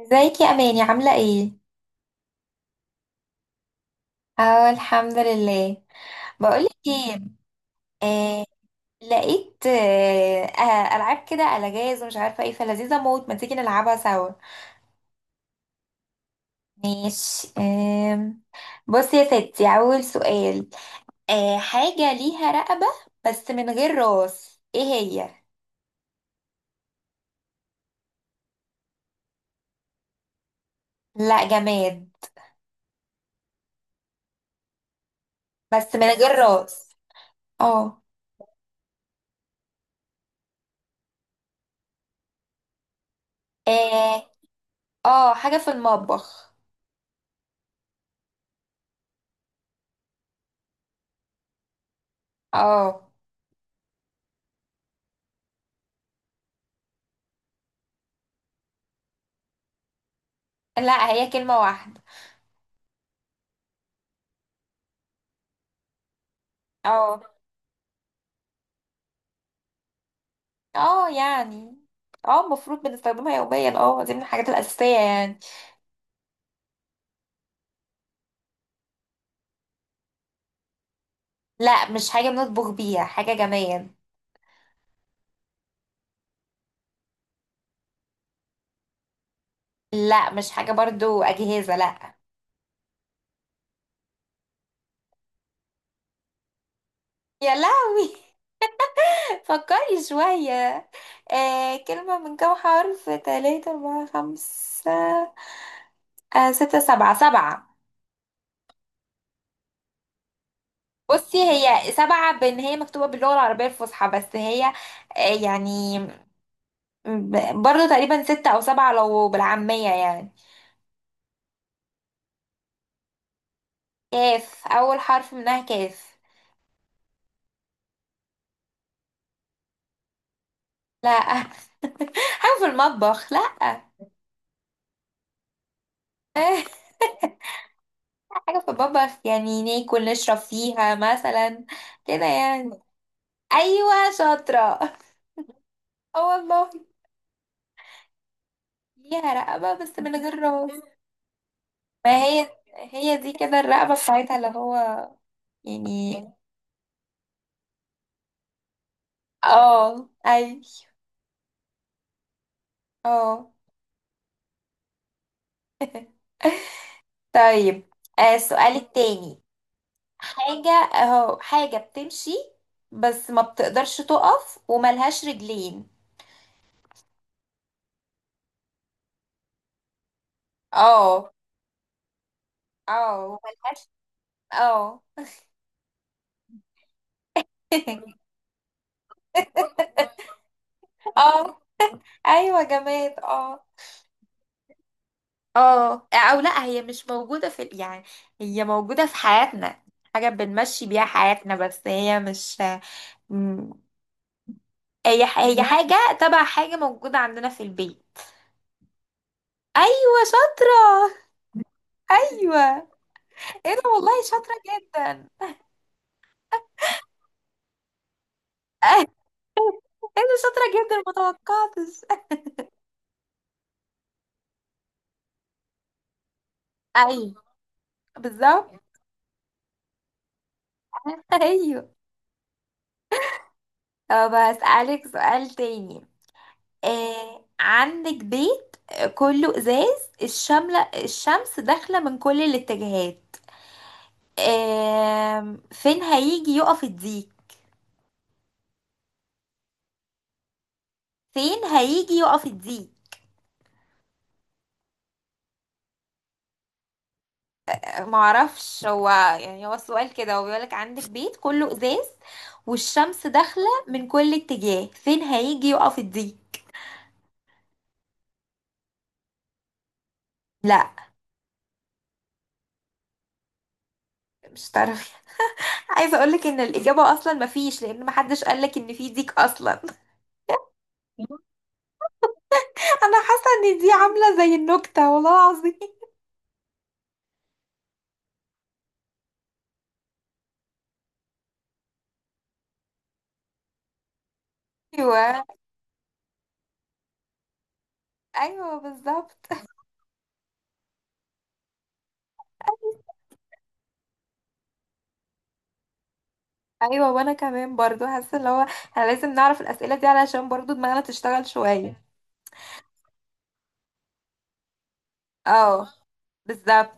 ازيك يا اماني، عامله ايه؟ اه، الحمد لله. بقولك ايه؟ آه. لقيت العاب كده على جاز ومش عارفه ايه، فلذيذه موت، ما تيجي نلعبها سوا؟ ماشي، آه. بصي يا ستي، اول سؤال. حاجه ليها رقبه، بس من غير راس، ايه هي؟ لا، جماد. بس من غير راس. اه، اه. آه، حاجه في المطبخ. اه، لا هي كلمه واحده. اه، اه، يعني. اه، المفروض بنستخدمها يوميا، دي من الحاجات الأساسية يعني. لا، مش حاجة بنطبخ بيها، حاجة جمال. لا، مش حاجة برضو أجهزة، لا. يا لهوي! فكري شوية. كلمة من كام حرف؟ تلاتة، أربعة، خمسة. ستة، سبعة، سبعة. بصي، هي سبعة بإن هي مكتوبة باللغة العربية الفصحى، بس هي. يعني، برضو تقريبا ستة أو سبعة لو بالعامية يعني. كاف، أول حرف منها كاف. لا. حاجة في المطبخ، لا. حاجة في المطبخ، يعني ناكل نشرب فيها مثلا، كده يعني. أيوة، شاطرة. اه والله. ليها رقبة، بس من غير راس. ما هي، هي دي كده الرقبة بتاعتها، اللي هو، يعني. اه، أيوة. اه. طيب. السؤال التاني. حاجة اهو، حاجة بتمشي، بس ما بتقدرش تقف وملهاش رجلين. اه. اه، وملهاش. اه. اه. ايوه، جماد، اه. اه، او لا، هي مش موجودة في ال-، يعني. هي موجودة في حياتنا، حاجة بنمشي بيها حياتنا، بس هي مش. م-. هي حاجة تبع حاجة موجودة عندنا في البيت. ايوه، شاطرة. ايوه. ايه ده، والله شاطرة جدا. ايه ده، شاطرة جدا، متوقعتش. ايوه، بالظبط. ايوه. طب هسألك سؤال تاني. عندك بيت، كله ازاز، الشمس داخلة من كل الاتجاهات. فين هيجي يقف الديك؟ فين هيجي يقف الديك؟ معرفش هو. يعني هو السؤال كده، هو بيقولك عندك بيت كله ازاز والشمس داخلة من كل اتجاه، فين هيجي يقف الديك؟ لا. مش تعرفي؟ عايزة اقولك ان الاجابة اصلا مفيش، لان محدش قالك ان في ديك اصلا. انا حاسة ان دي عاملة زي النكتة، والله العظيم. ايوه. ايوه، بالظبط. ايوه، وانا كمان برضو حاسه اللي هو احنا لازم نعرف الاسئله دي علشان برضو دماغنا تشتغل شويه. اه، بالظبط.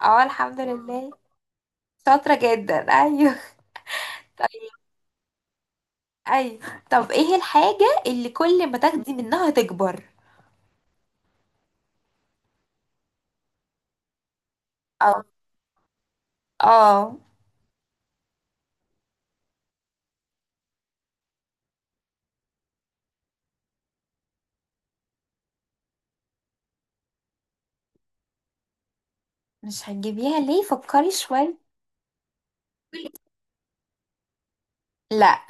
اه، الحمد لله. شاطره جدا، ايوه. ايوه. طب، ايه الحاجه اللي كل ما تاخدي منها تكبر؟ اه. اه، مش هتجيبيها ليه؟ فكري شويه. لا،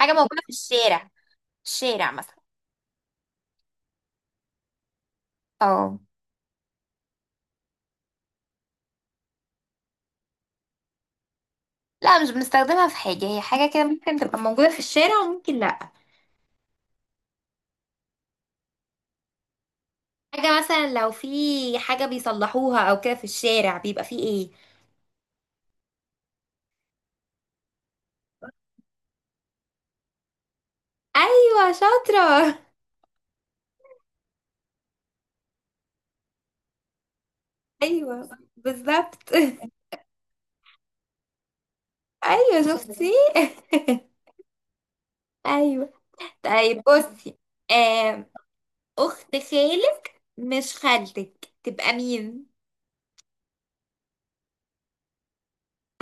حاجه موجوده في الشارع، في الشارع مثلا. اه. لا، مش بنستخدمها في حاجه، هي حاجه كده ممكن تبقى موجوده في الشارع وممكن لا. حاجة مثلا لو في حاجة بيصلحوها او كده في الشارع، بيبقى فيه ايه؟ ايوه، شاطرة. ايوه، بالظبط. ايوه، شفتي. ايوه. طيب بصي. آم، اخت خالك، مش خالتك، تبقى مين؟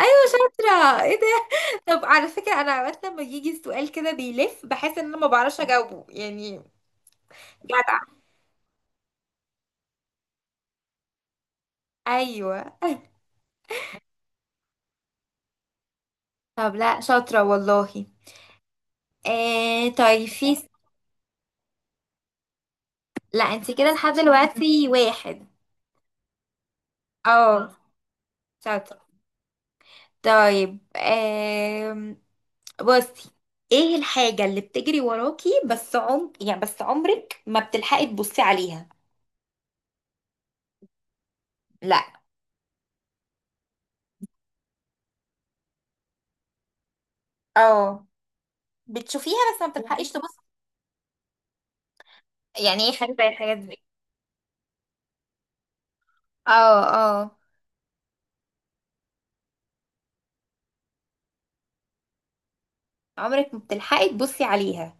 ايوه، شاطرة، ايه ده. طب على فكرة، انا اوقات لما يجي السؤال كده بيلف بحس ان انا ما بعرفش اجاوبه يعني. جدع. ايوه. طب لا، شاطرة والله. طيب، في. لا، انت كده لحد دلوقتي واحد. اه. شاطر. طيب، بصي. ايه الحاجة اللي بتجري وراكي، بس عم يعني بس عمرك ما بتلحقي تبصي عليها؟ لا. اه، بتشوفيها بس ما بتلحقيش تبصي. يعني ايه حاجة زي الحاجات دي؟ اه، اه. عمرك ما بتلحقي تبصي عليها.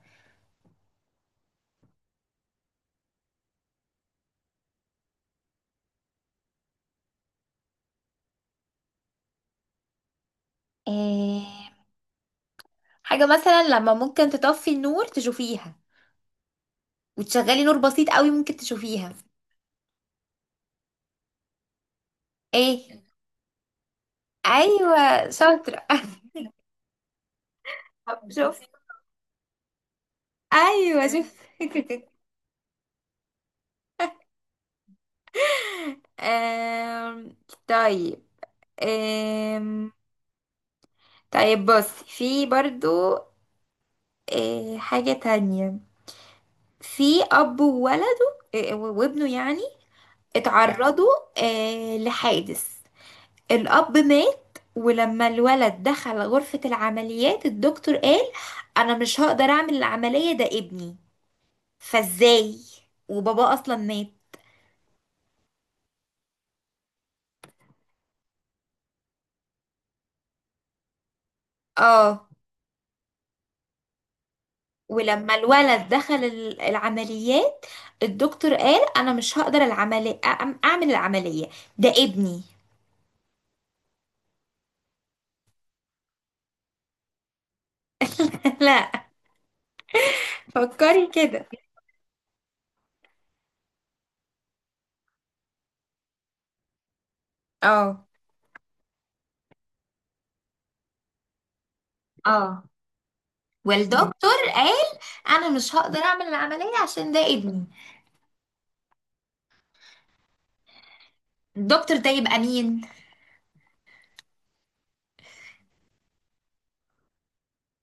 إيه؟ حاجة مثلا لما ممكن تطفي النور تشوفيها، وتشغلي نور بسيط قوي ممكن تشوفيها. ايه. ايوه، شاطرة. طب شوف. ايوه، شوف. آم، طيب. آم، طيب، بص في برضو. حاجة تانية. في أب وولده آه، وابنه، يعني. اتعرضوا، لحادث. الأب مات، ولما الولد دخل غرفة العمليات، الدكتور قال أنا مش هقدر أعمل العملية، ده ابني. فازاي؟ وبابا أصلا مات؟ اه. ولما الولد دخل العمليات، الدكتور قال انا مش هقدر اعمل العملية، ده ابني. لا، فكري كده. اه. اه. والدكتور قال انا مش هقدر اعمل العملية عشان ده ابني، الدكتور ده يبقى مين؟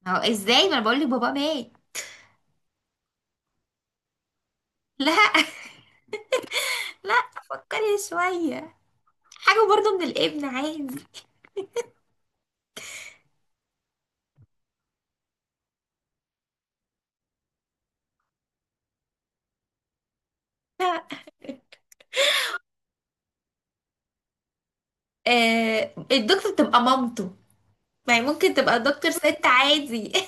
هو ازاي، ما انا بقول لك بابا مات. لا. لا، فكري شوية. حاجة برضو من الابن، عادي. الدكتور تبقى مامته، ما هي ممكن تبقى الدكتور ست عادي.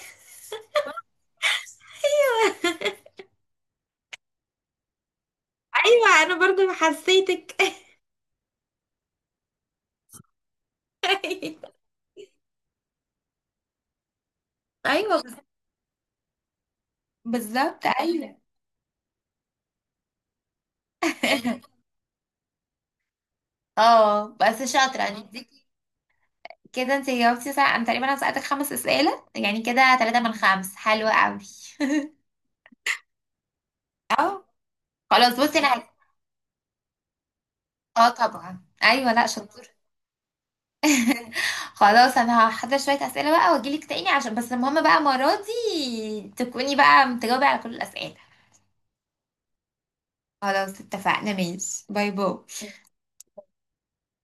ايوه، انا برضو حسيتك. ايوه، بالظبط، ايوه. اه، بس شاطره يعني، اديكي. كده انت جاوبتي صح، انا تقريبا سالتك 5 اسئله، يعني كده 3 من 5 حلوه قوي. اه. خلاص بصي، انا هل-. اه، طبعا، ايوه لا، شطور. خلاص، انا هحضر شويه اسئله بقى واجيلك تاني، عشان بس المهم بقى المره دي تكوني بقى متجاوبه على كل الاسئله. خلاص اتفقنا، ماشي، باي باي.